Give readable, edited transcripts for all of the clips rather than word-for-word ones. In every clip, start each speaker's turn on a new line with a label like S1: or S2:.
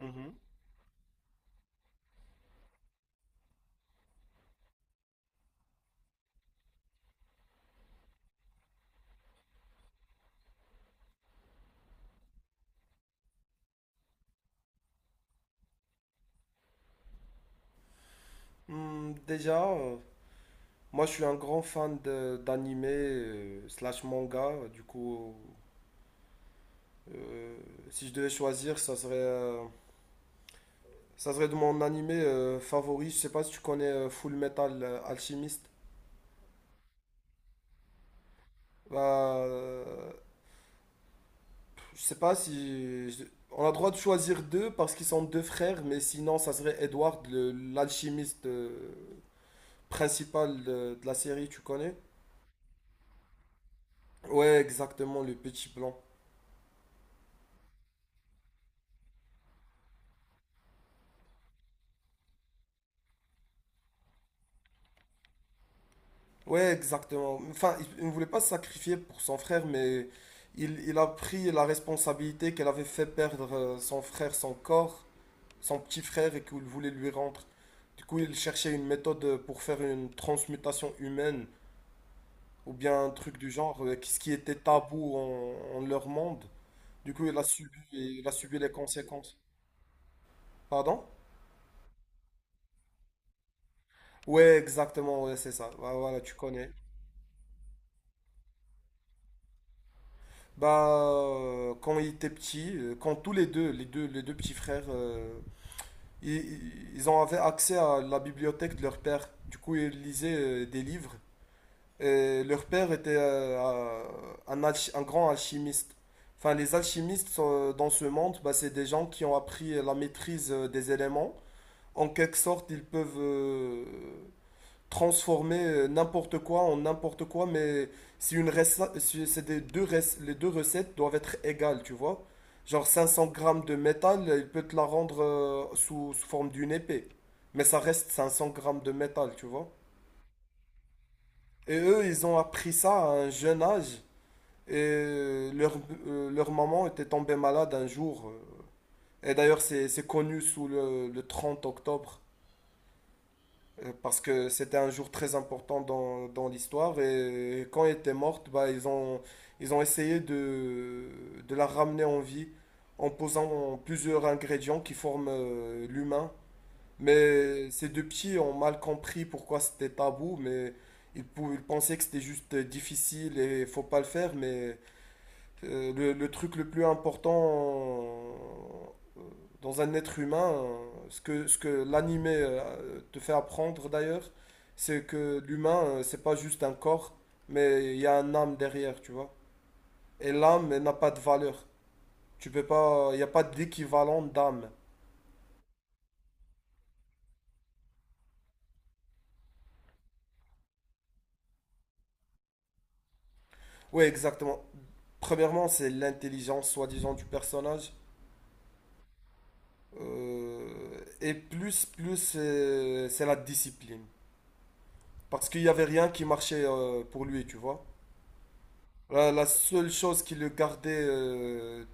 S1: Mhm. Déjà, moi je suis un grand fan d'anime slash manga. Du coup, euh, si je devais choisir, ça serait de mon anime favori. Je sais pas si tu connais Full Metal Alchemist. Bah, je sais pas si on a droit de choisir deux parce qu'ils sont deux frères, mais sinon ça serait Edward, l'alchimiste principal de la série. Tu connais? Ouais, exactement, le petit blanc. Ouais, exactement. Enfin, il ne voulait pas se sacrifier pour son frère, mais il a pris la responsabilité qu'elle avait fait perdre son frère, son corps, son petit frère, et qu'il voulait lui rendre. Du coup, il cherchait une méthode pour faire une transmutation humaine, ou bien un truc du genre, ce qui était tabou en leur monde. Du coup, il a subi les conséquences. Pardon? Ouais, exactement, ouais, c'est ça. Ouais, voilà, tu connais. Bah, quand ils étaient petits, quand tous les deux petits frères, ils ont avaient accès à la bibliothèque de leur père. Du coup, ils lisaient des livres. Et leur père était un grand alchimiste. Enfin, les alchimistes dans ce monde, bah, c'est des gens qui ont appris la maîtrise des éléments. En quelque sorte, ils peuvent transformer n'importe quoi en n'importe quoi, mais si une rece- si c'est des deux rec- les deux recettes doivent être égales, tu vois. Genre 500 grammes de métal, il peut te la rendre sous forme d'une épée. Mais ça reste 500 grammes de métal, tu vois. Et eux, ils ont appris ça à un jeune âge. Et leur maman était tombée malade un jour. Et d'ailleurs, c'est connu sous le 30 octobre, parce que c'était un jour très important dans l'histoire. Et quand elle était morte, bah, ils ont essayé de la ramener en vie en posant plusieurs ingrédients qui forment l'humain. Mais ces deux petits ont mal compris pourquoi c'était tabou, mais ils pensaient que c'était juste difficile et faut pas le faire. Mais le truc le plus important dans un être humain, ce que l'animé te fait apprendre d'ailleurs, c'est que l'humain, c'est pas juste un corps, mais il y a un âme derrière, tu vois. Et l'âme, elle n'a pas de valeur. Tu peux pas, il n'y a pas d'équivalent d'âme. Oui, exactement. Premièrement, c'est l'intelligence, soi-disant, du personnage. Euh, et plus, c'est la discipline. Parce qu'il n'y avait rien qui marchait pour lui, tu vois. La seule chose qui le gardait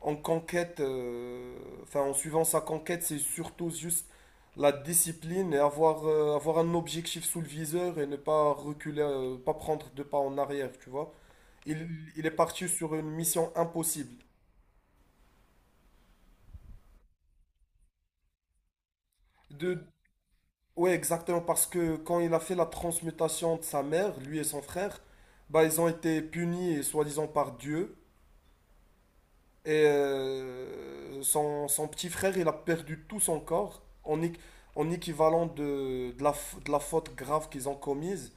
S1: en conquête, enfin en suivant sa conquête, c'est surtout juste la discipline et avoir un objectif sous le viseur et ne pas reculer, pas prendre deux pas en arrière, tu vois. Il, il est parti sur une mission impossible. De, ouais, exactement, parce que quand il a fait la transmutation de sa mère, lui et son frère, bah ils ont été punis, soi-disant, par Dieu. Et son petit frère, il a perdu tout son corps en équivalent de la faute grave qu'ils ont commise.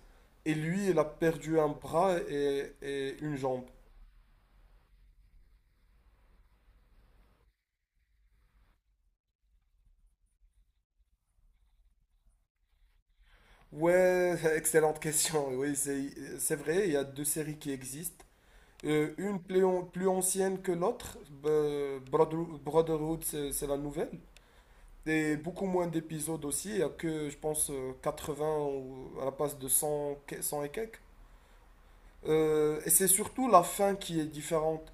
S1: Et lui, il a perdu un bras et une jambe. Ouais, excellente question. Oui, c'est vrai, il y a deux séries qui existent. Une plus ancienne que l'autre, Brotherhood, c'est la nouvelle. Et beaucoup moins d'épisodes aussi, il y a que, je pense, 20 ou à la place de 100 et quelques. Et c'est surtout la fin qui est différente.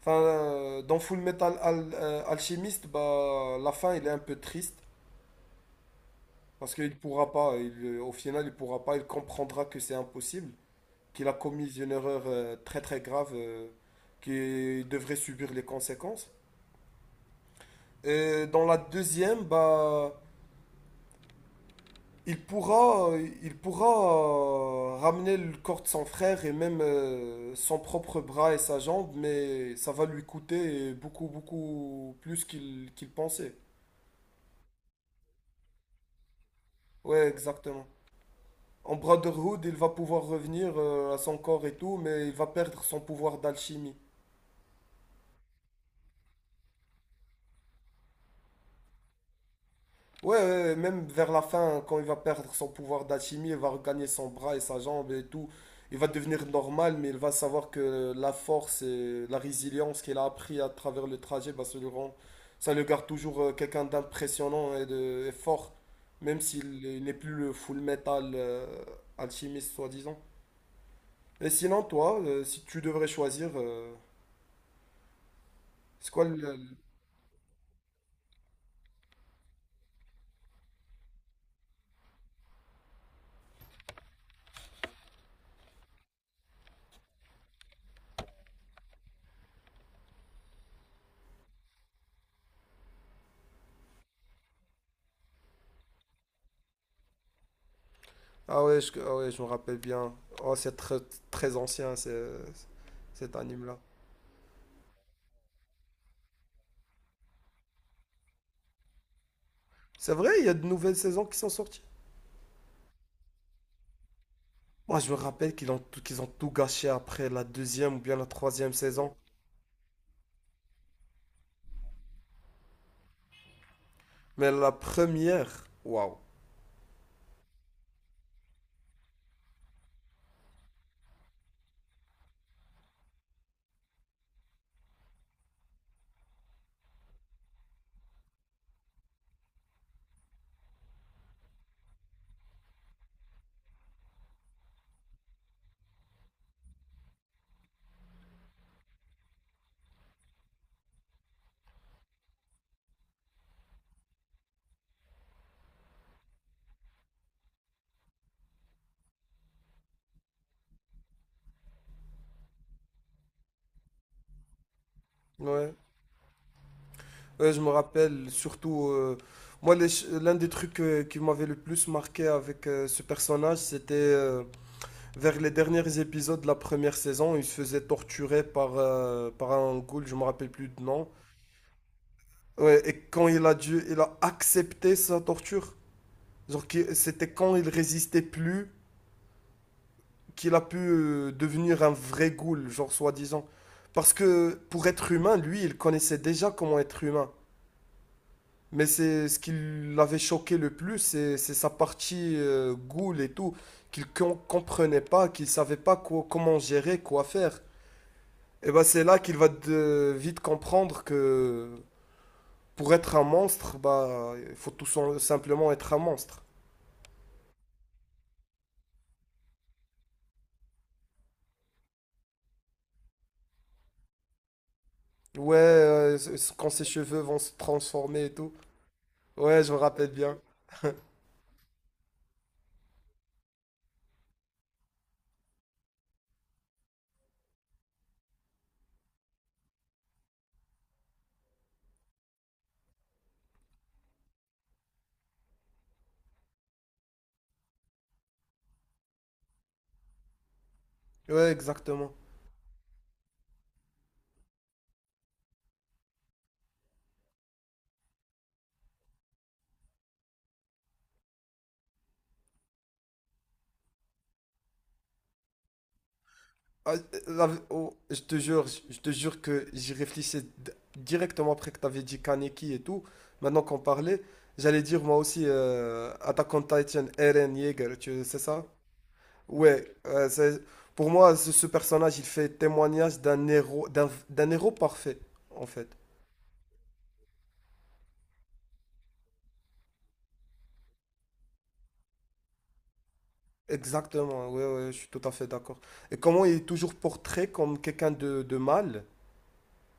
S1: Enfin, dans Full Metal Alchemist, bah, la fin, elle est un peu triste parce qu'il pourra pas. Au final, il pourra pas. Il comprendra que c'est impossible, qu'il a commis une erreur très très grave, qu'il devrait subir les conséquences. Et dans la deuxième, bah, Il pourra, il pourra ramener le corps de son frère et même son propre bras et sa jambe, mais ça va lui coûter beaucoup, beaucoup plus qu'il pensait. Ouais, exactement. En Brotherhood, il va pouvoir revenir à son corps et tout, mais il va perdre son pouvoir d'alchimie. Ouais, ouais, ouais, même vers la fin, quand il va perdre son pouvoir d'alchimie, il va regagner son bras et sa jambe et tout. Il va devenir normal, mais il va savoir que la force et la résilience qu'il a appris à travers le trajet, bah, ça le garde toujours quelqu'un d'impressionnant et de et fort, même s'il il n'est plus le full metal alchimiste, soi-disant. Et sinon, toi, si tu devrais choisir, c'est quoi le... ah ouais, je me rappelle bien. Oh, c'est très, très ancien, cet anime-là. C'est vrai, il y a de nouvelles saisons qui sont sorties. Moi, je me rappelle qu'ils ont tout gâché après la deuxième ou bien la troisième saison. Mais la première, waouh. Ouais. Ouais, je me rappelle surtout, moi, l'un des trucs qui m'avait le plus marqué avec ce personnage, c'était vers les derniers épisodes de la première saison. Il se faisait torturer par un ghoul, je me rappelle plus de nom. Ouais, et quand il a dû, il a accepté sa torture. Genre, c'était quand il résistait plus qu'il a pu devenir un vrai ghoul, genre soi-disant. Parce que pour être humain, lui, il connaissait déjà comment être humain. Mais c'est ce qui l'avait choqué le plus, c'est sa partie ghoul et tout, comprenait pas, qu'il savait pas comment gérer, quoi faire. Et bah c'est là qu'il va vite comprendre que pour être un monstre, bah il faut tout simplement être un monstre. Ouais, quand ses cheveux vont se transformer et tout. Ouais, je me rappelle bien. Ouais, exactement. Ah, oh, je te jure que j'y réfléchissais directement après que tu avais dit Kaneki et tout. Maintenant qu'on parlait, j'allais dire moi aussi Attack on Titan, Eren Yeager, tu c'est ça? Ouais, pour moi, ce personnage, il fait témoignage d'un héros, d'un héros parfait, en fait. Exactement, ouais, ouais, je suis tout à fait d'accord. Et comment il est toujours portrait comme quelqu'un de mal.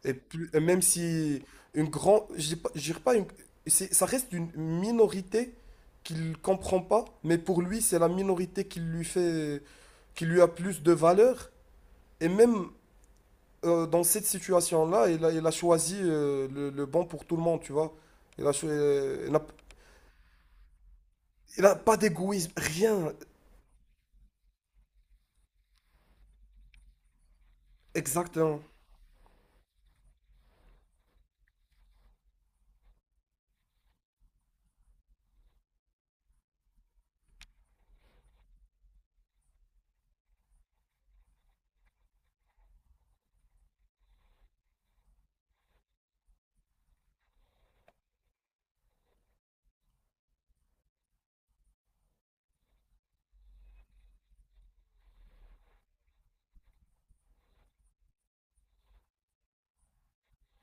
S1: Et même si une grande, je dis pas, je dirais pas ça reste une minorité qu'il comprend pas, mais pour lui, c'est la minorité qui lui fait, qui lui a plus de valeur. Et même dans cette situation-là, il a choisi le bon pour tout le monde, tu vois. Il a, cho- il n'a, il a pas d'égoïsme, rien, exactement.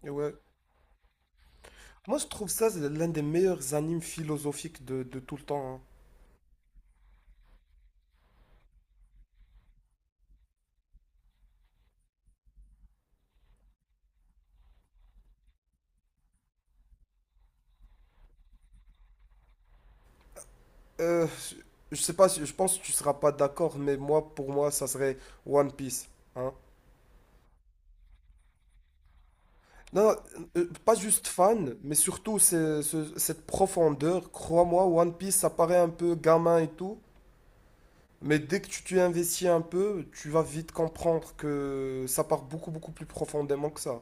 S1: Et ouais. Moi, je trouve ça c'est l'un des meilleurs animes philosophiques de tout le temps, hein. Euh, je sais pas, je pense que tu seras pas d'accord, pour moi, ça serait One Piece. Hein. Non, pas juste fan, mais surtout cette profondeur. Crois-moi, One Piece, ça paraît un peu gamin et tout, mais dès que tu t'y investis un peu, tu vas vite comprendre que ça part beaucoup, beaucoup plus profondément que ça.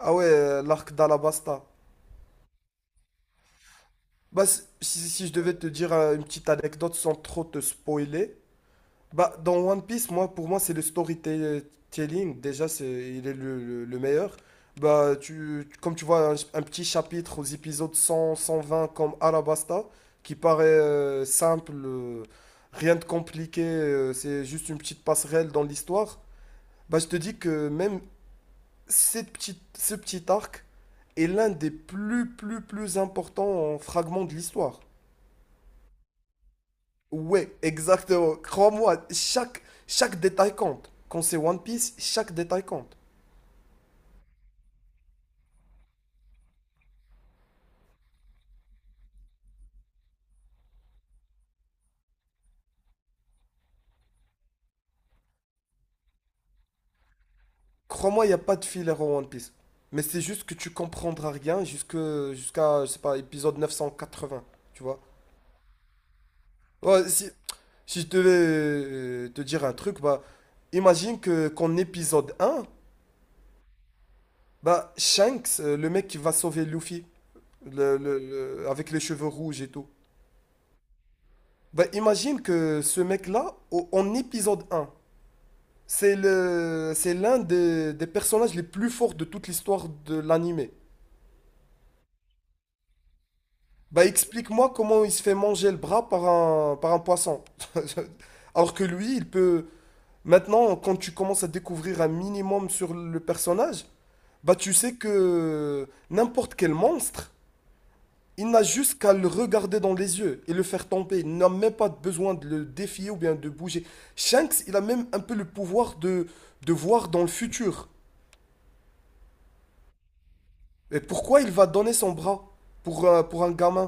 S1: Ah ouais, l'arc d'Alabasta. Bah, si je devais te dire une petite anecdote sans trop te spoiler. Bah, dans One Piece, pour moi, c'est le storytelling. Déjà, il est le meilleur. Bah, comme tu vois, un petit chapitre aux épisodes 100, 120 comme Alabasta, qui paraît simple, rien de compliqué, c'est juste une petite passerelle dans l'histoire. Bah, je te dis que même cette petite, ce petit arc est l'un des plus, plus, plus importants fragments de l'histoire. Ouais, exactement. Crois-moi, chaque détail compte. Quand c'est One Piece, chaque détail compte. Crois-moi, il n'y a pas de filler en One Piece. Mais c'est juste que tu comprendras rien jusqu'à, je sais pas, épisode 980, tu vois. Ouais, si je devais te dire un truc, bah, imagine que qu'en épisode 1, bah, Shanks, le mec qui va sauver Luffy, avec les cheveux rouges et tout. Bah, imagine que ce mec-là, en épisode 1, c'est c'est l'un des personnages les plus forts de toute l'histoire de l'anime. Bah explique-moi comment il se fait manger le bras par un poisson. Alors que lui, il peut... Maintenant, quand tu commences à découvrir un minimum sur le personnage, bah tu sais que n'importe quel monstre, il n'a juste qu'à le regarder dans les yeux et le faire tomber. Il n'a même pas besoin de le défier ou bien de bouger. Shanks, il a même un peu le pouvoir de voir dans le futur. Mais pourquoi il va donner son bras pour un gamin?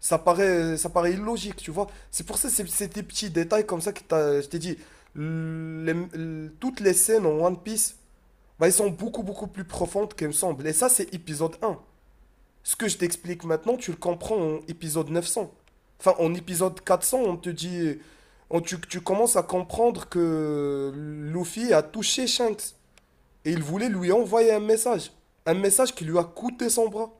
S1: Ça paraît illogique, tu vois. C'est pour ça, c'est des petits détails comme ça que je t'ai dit. Toutes les scènes en One Piece, bah, elles sont beaucoup, beaucoup plus profondes qu'elles me semblent. Et ça, c'est épisode un. Ce que je t'explique maintenant, tu le comprends en épisode 900. Enfin, en épisode 400 on te dit... tu commences à comprendre que Luffy a touché Shanks. Et il voulait lui envoyer un message. Un message qui lui a coûté son bras.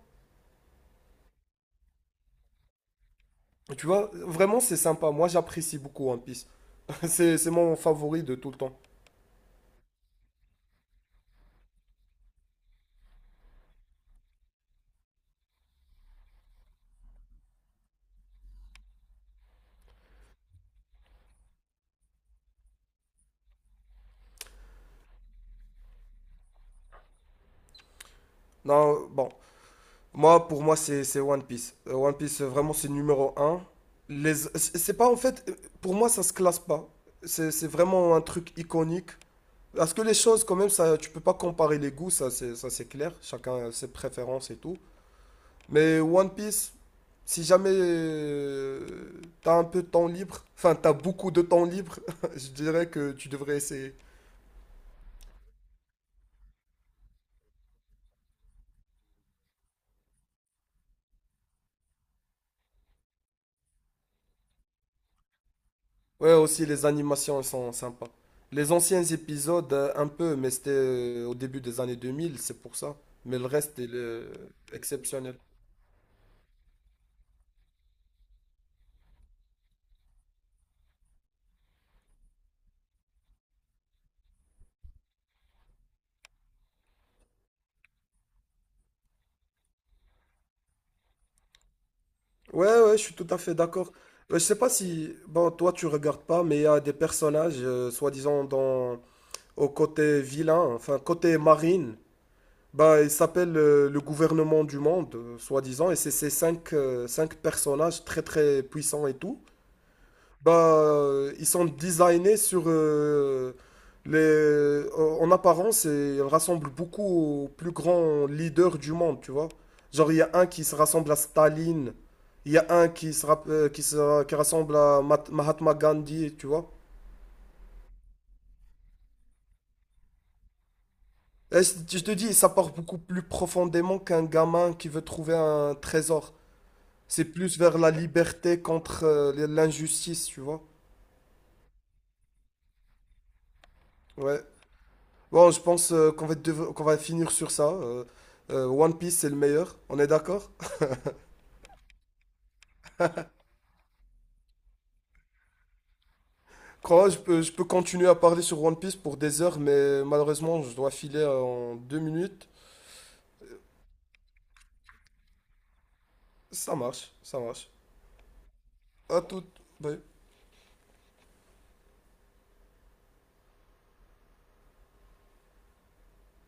S1: Tu vois, vraiment, c'est sympa. Moi, j'apprécie beaucoup One Piece. C'est mon favori de tout le temps. Non, bon. Pour moi, c'est One Piece. One Piece, vraiment, c'est numéro un. C'est pas, en fait, pour moi, ça se classe pas. C'est vraiment un truc iconique. Parce que les choses, quand même, ça, tu peux pas comparer les goûts, ça, c'est clair. Chacun a ses préférences et tout. Mais One Piece, si jamais t'as un peu de temps libre, enfin, t'as beaucoup de temps libre, je dirais que tu devrais essayer. Ouais, aussi les animations elles sont sympas. Les anciens épisodes, un peu, mais c'était au début des années 2000, c'est pour ça. Mais le reste, il est exceptionnel. Ouais, ouais, je suis tout à fait d'accord. Je sais pas si, bon, toi tu regardes pas, mais il y a des personnages, soi-disant, dans au côté vilain, enfin côté marine. Bah, il s'appelle le gouvernement du monde, soi-disant, et c'est ces cinq personnages très très puissants et tout. Bah, ils sont designés sur les. En apparence, et ils rassemblent beaucoup aux plus grands leaders du monde, tu vois. Genre, il y a un qui se rassemble à Staline, il y a un qui se, rapp- qui se- qui rassemble à Mahatma Gandhi, tu vois. Et je te dis, ça part beaucoup plus profondément qu'un gamin qui veut trouver un trésor. C'est plus vers la liberté contre l'injustice, tu vois. Ouais. Bon, je pense qu'on va finir sur ça. One Piece, c'est le meilleur, on est d'accord? Je peux continuer à parler sur One Piece pour des heures, mais malheureusement, je dois filer en 2 minutes. Ça marche, ça marche. À tout. Bye.